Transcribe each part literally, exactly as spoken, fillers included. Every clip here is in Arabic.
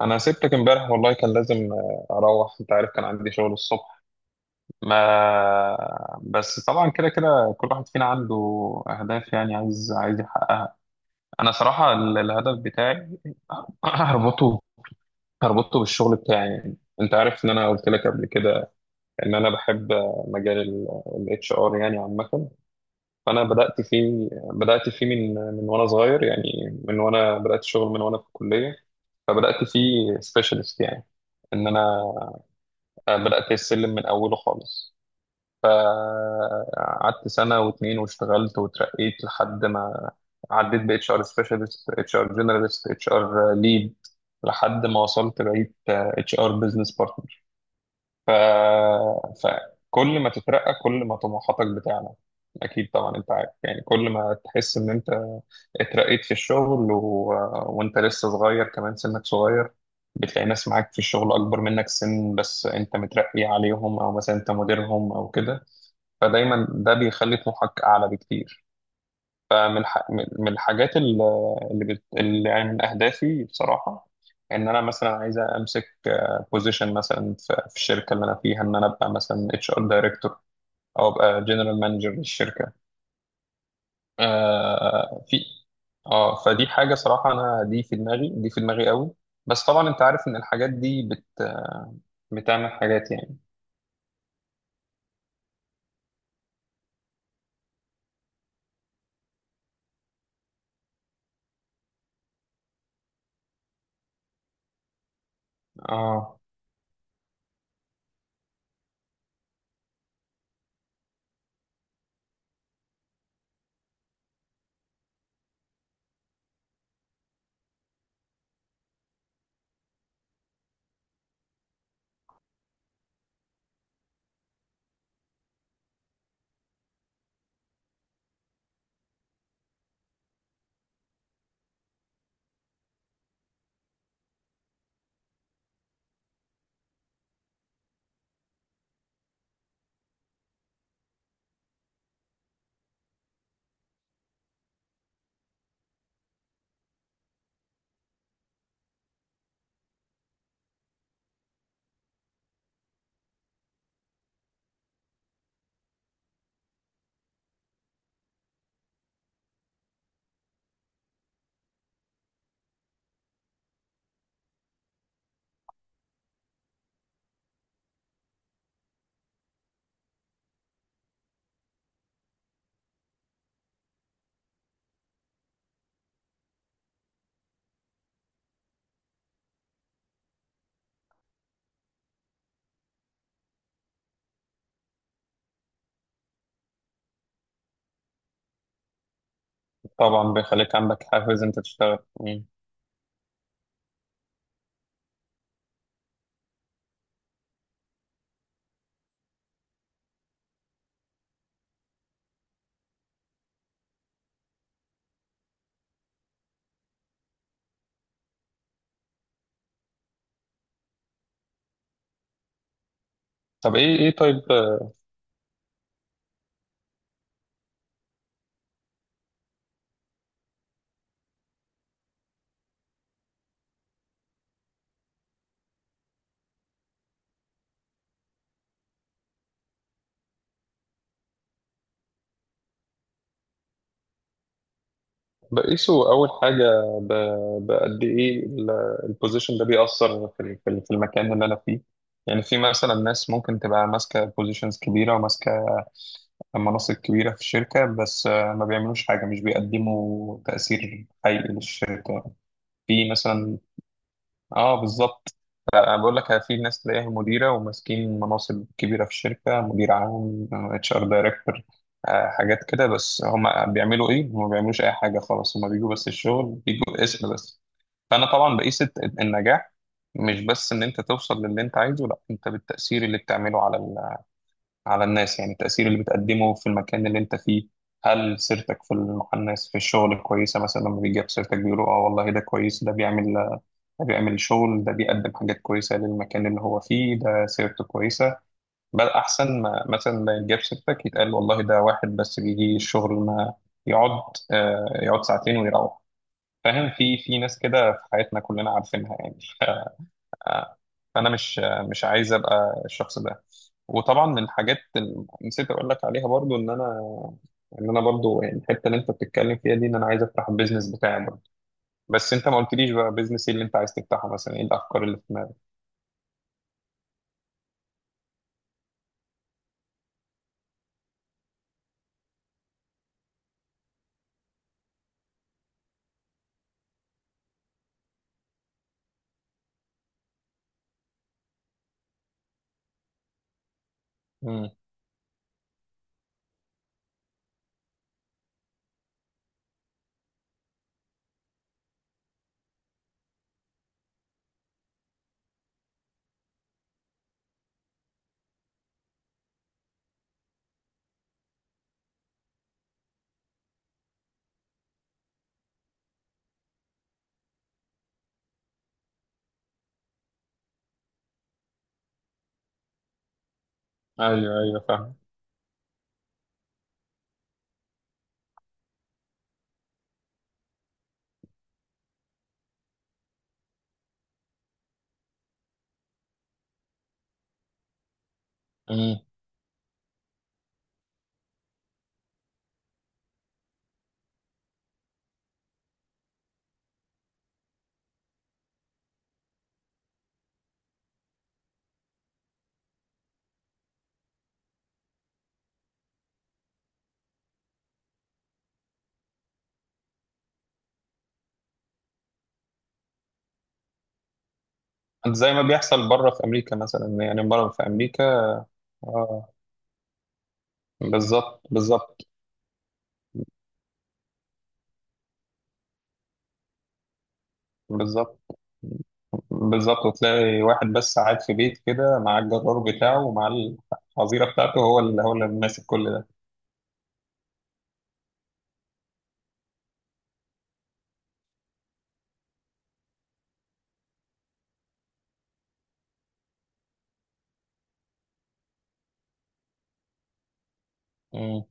انا سبتك امبارح والله كان لازم آه، اروح، انت عارف كان عندي شغل الصبح. ما بس طبعا كده كده كل واحد فينا عنده اهداف، يعني عايز عايز يحققها. انا صراحة ال- الهدف بتاعي هربطه هربطه بالشغل بتاعي، يعني انت عارف ان انا قلت لك قبل كده ان انا بحب مجال الاتش ار يعني عامة. فانا بدأت فيه بدأت فيه من من وانا صغير، يعني من وانا بدأت شغل من وانا في الكلية. فبدأت فيه سبيشالست، يعني ان انا آه، بدأت السلم من أوله خالص. فقعدت سنة واتنين واشتغلت وترقيت لحد ما عديت ب H R specialist H R generalist HR lead لحد ما وصلت بقيت آه، H R business partner. ف... فكل ما تترقى كل ما طموحاتك بتعلى، اكيد طبعا انت عارف، يعني كل ما تحس ان انت اترقيت في الشغل و... وانت لسه صغير، كمان سنك صغير، بتلاقي ناس معاك في الشغل اكبر منك سن بس انت مترقي عليهم، او مثلا انت مديرهم او كده. فدايما ده بيخلي طموحك اعلى بكتير. فمن ح- من من الحاجات ال- اللي, بت... اللي يعني من أهدافي بصراحة، إن أنا مثلا عايز أمسك بوزيشن مثلا في في الشركة اللي أنا فيها، إن أنا أبقى مثلا اتش ار دايركتور أو أبقى جنرال مانجر للشركة. آه في اه. فدي حاجة صراحة، أنا دي في دماغي، دي في دماغي قوي. بس طبعا أنت عارف إن الحاجات دي بت... بتعمل حاجات يعني. اه، طبعا بيخليك عندك حافز أنت تشتغل. مم. طب إيه إيه طيب، بقيسه أول حاجة ب- بقد إيه البوزيشن ده بيأثر في ال- في ال- في المكان اللي أنا فيه. يعني في مثلا ناس ممكن تبقى ماسكة بوزيشنز كبيرة وماسكة مناصب كبيرة في الشركة بس آه، ما بيعملوش حاجة، مش بيقدموا تأثير حقيقي للشركة. في مثلا آه بالظبط. انا بقول لك في ناس تلاقيها مديره وماسكين مناصب كبيره في الشركه، مدير عام، اتش ار دايركتور، حاجات كده، بس هم بيعملوا ايه؟ هم ما بيعملوش اي حاجه خالص، هم بيجوا بس الشغل بيجوا اسم بس. فانا طبعا بقيس الت- النجاح مش بس ان انت توصل للي انت عايزه، لا انت بالتاثير اللي بتعمله على ال- على الناس، يعني التاثير اللي بتقدمه في المكان اللي انت فيه. هل سيرتك في ال- مع الناس في الشغل كويسه؟ مثلا لما بيجي سيرتك بيقولوا اه والله ده كويس، ده بيعمل ده بيعمل شغل، ده بيقدم حاجات كويسة للمكان اللي هو فيه، ده سيرته كويسة. بل أحسن ما مثلا ما يتجاب سيرتك يتقال والله ده واحد بس بيجي الشغل ما يقعد آه، يقعد ساعتين ويروح. فاهم؟ في في ناس كده في حياتنا كلنا عارفينها يعني. آه، فأنا مش آه، مش عايز أبقى الشخص ده. وطبعا من الحاجات اللي نسيت أقول لك عليها برضو، إن أنا ان انا برضو يعني الحته اللي انت بتتكلم فيها دي، ان انا عايز افتح البيزنس بتاعي برضو. بس انت ما قلتليش بقى بيزنس ايه اللي انت عايز تفتحه؟ مثلا ايه الافكار اللي؟ مم. ايوه ايوه فاهم. مم. زي ما بيحصل بره في امريكا مثلا، يعني بره في امريكا. اه، بالظبط بالظبط. بالظبط بالظبط وتلاقي واحد بس قاعد في بيت كده مع الجرار بتاعه ومع الحظيره بتاعته، هو اللي هو اللي ماسك كل ده. مم.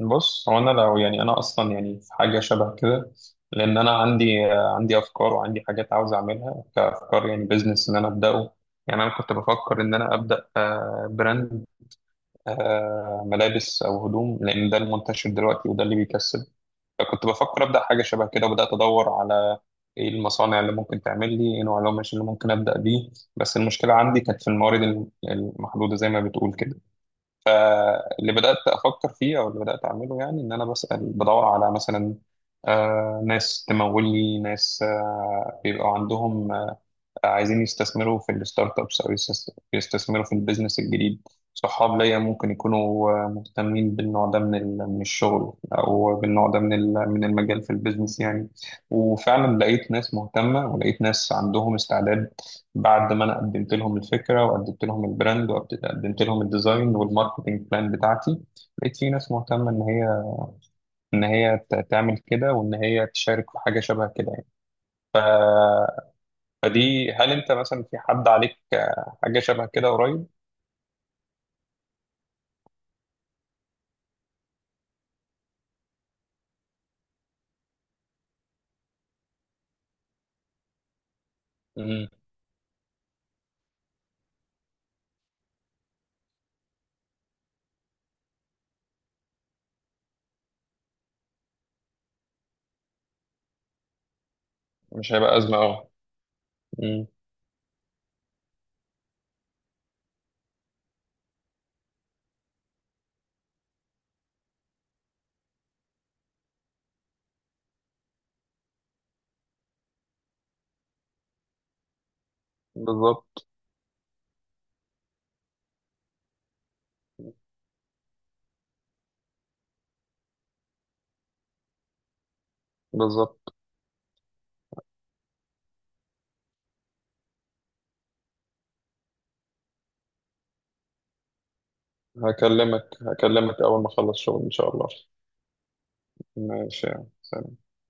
بص، هو انا لو يعني انا اصلا يعني في حاجه شبه كده، لان انا عندي آه، عندي افكار وعندي حاجات عاوز اعملها كافكار، يعني بزنس ان انا ابداه. يعني انا كنت بفكر ان انا ابدا آه، براند، آه، ملابس او هدوم لان ده المنتشر دلوقتي وده اللي بيكسب. فكنت بفكر ابدا حاجه شبه كده، وبدات ادور على ايه المصانع اللي ممكن تعمل لي، ايه نوع القماش اللي ممكن ابدا بيه. بس المشكله عندي كانت في الموارد الم- المحدوده زي ما بتقول كده. فاللي بدات افكر فيه او اللي بدات اعمله يعني، ان انا بسال بدور على مثلا آه، ناس تمول لي، ناس آه، بيبقى عندهم عايزين يستثمروا في الستارت ابس، او يستس- يستثمروا في البيزنس الجديد. صحاب ليا ممكن يكونوا آه، مهتمين بالنوع ده من ال- من الشغل، او بالنوع ده من ال- من المجال في البيزنس يعني. وفعلا لقيت ناس مهتمه ولقيت ناس عندهم استعداد، بعد ما انا قدمت لهم الفكره وقدمت لهم البراند وقدمت لهم الديزاين والماركتنج بلان بتاعتي. لقيت في ناس مهتمه ان هي ان هي ت- تعمل كده وان هي تشارك في حاجه شبه كده يعني. فدي، هل انت مثلا في حد عليك آه، حاجه شبه كده قريب؟ مم. مش هيبقى ازمه. اه. مم. بالظبط بالظبط. هكلمك هكلمك اول ما اخلص شغل ان شاء الله. ماشي يا سلام.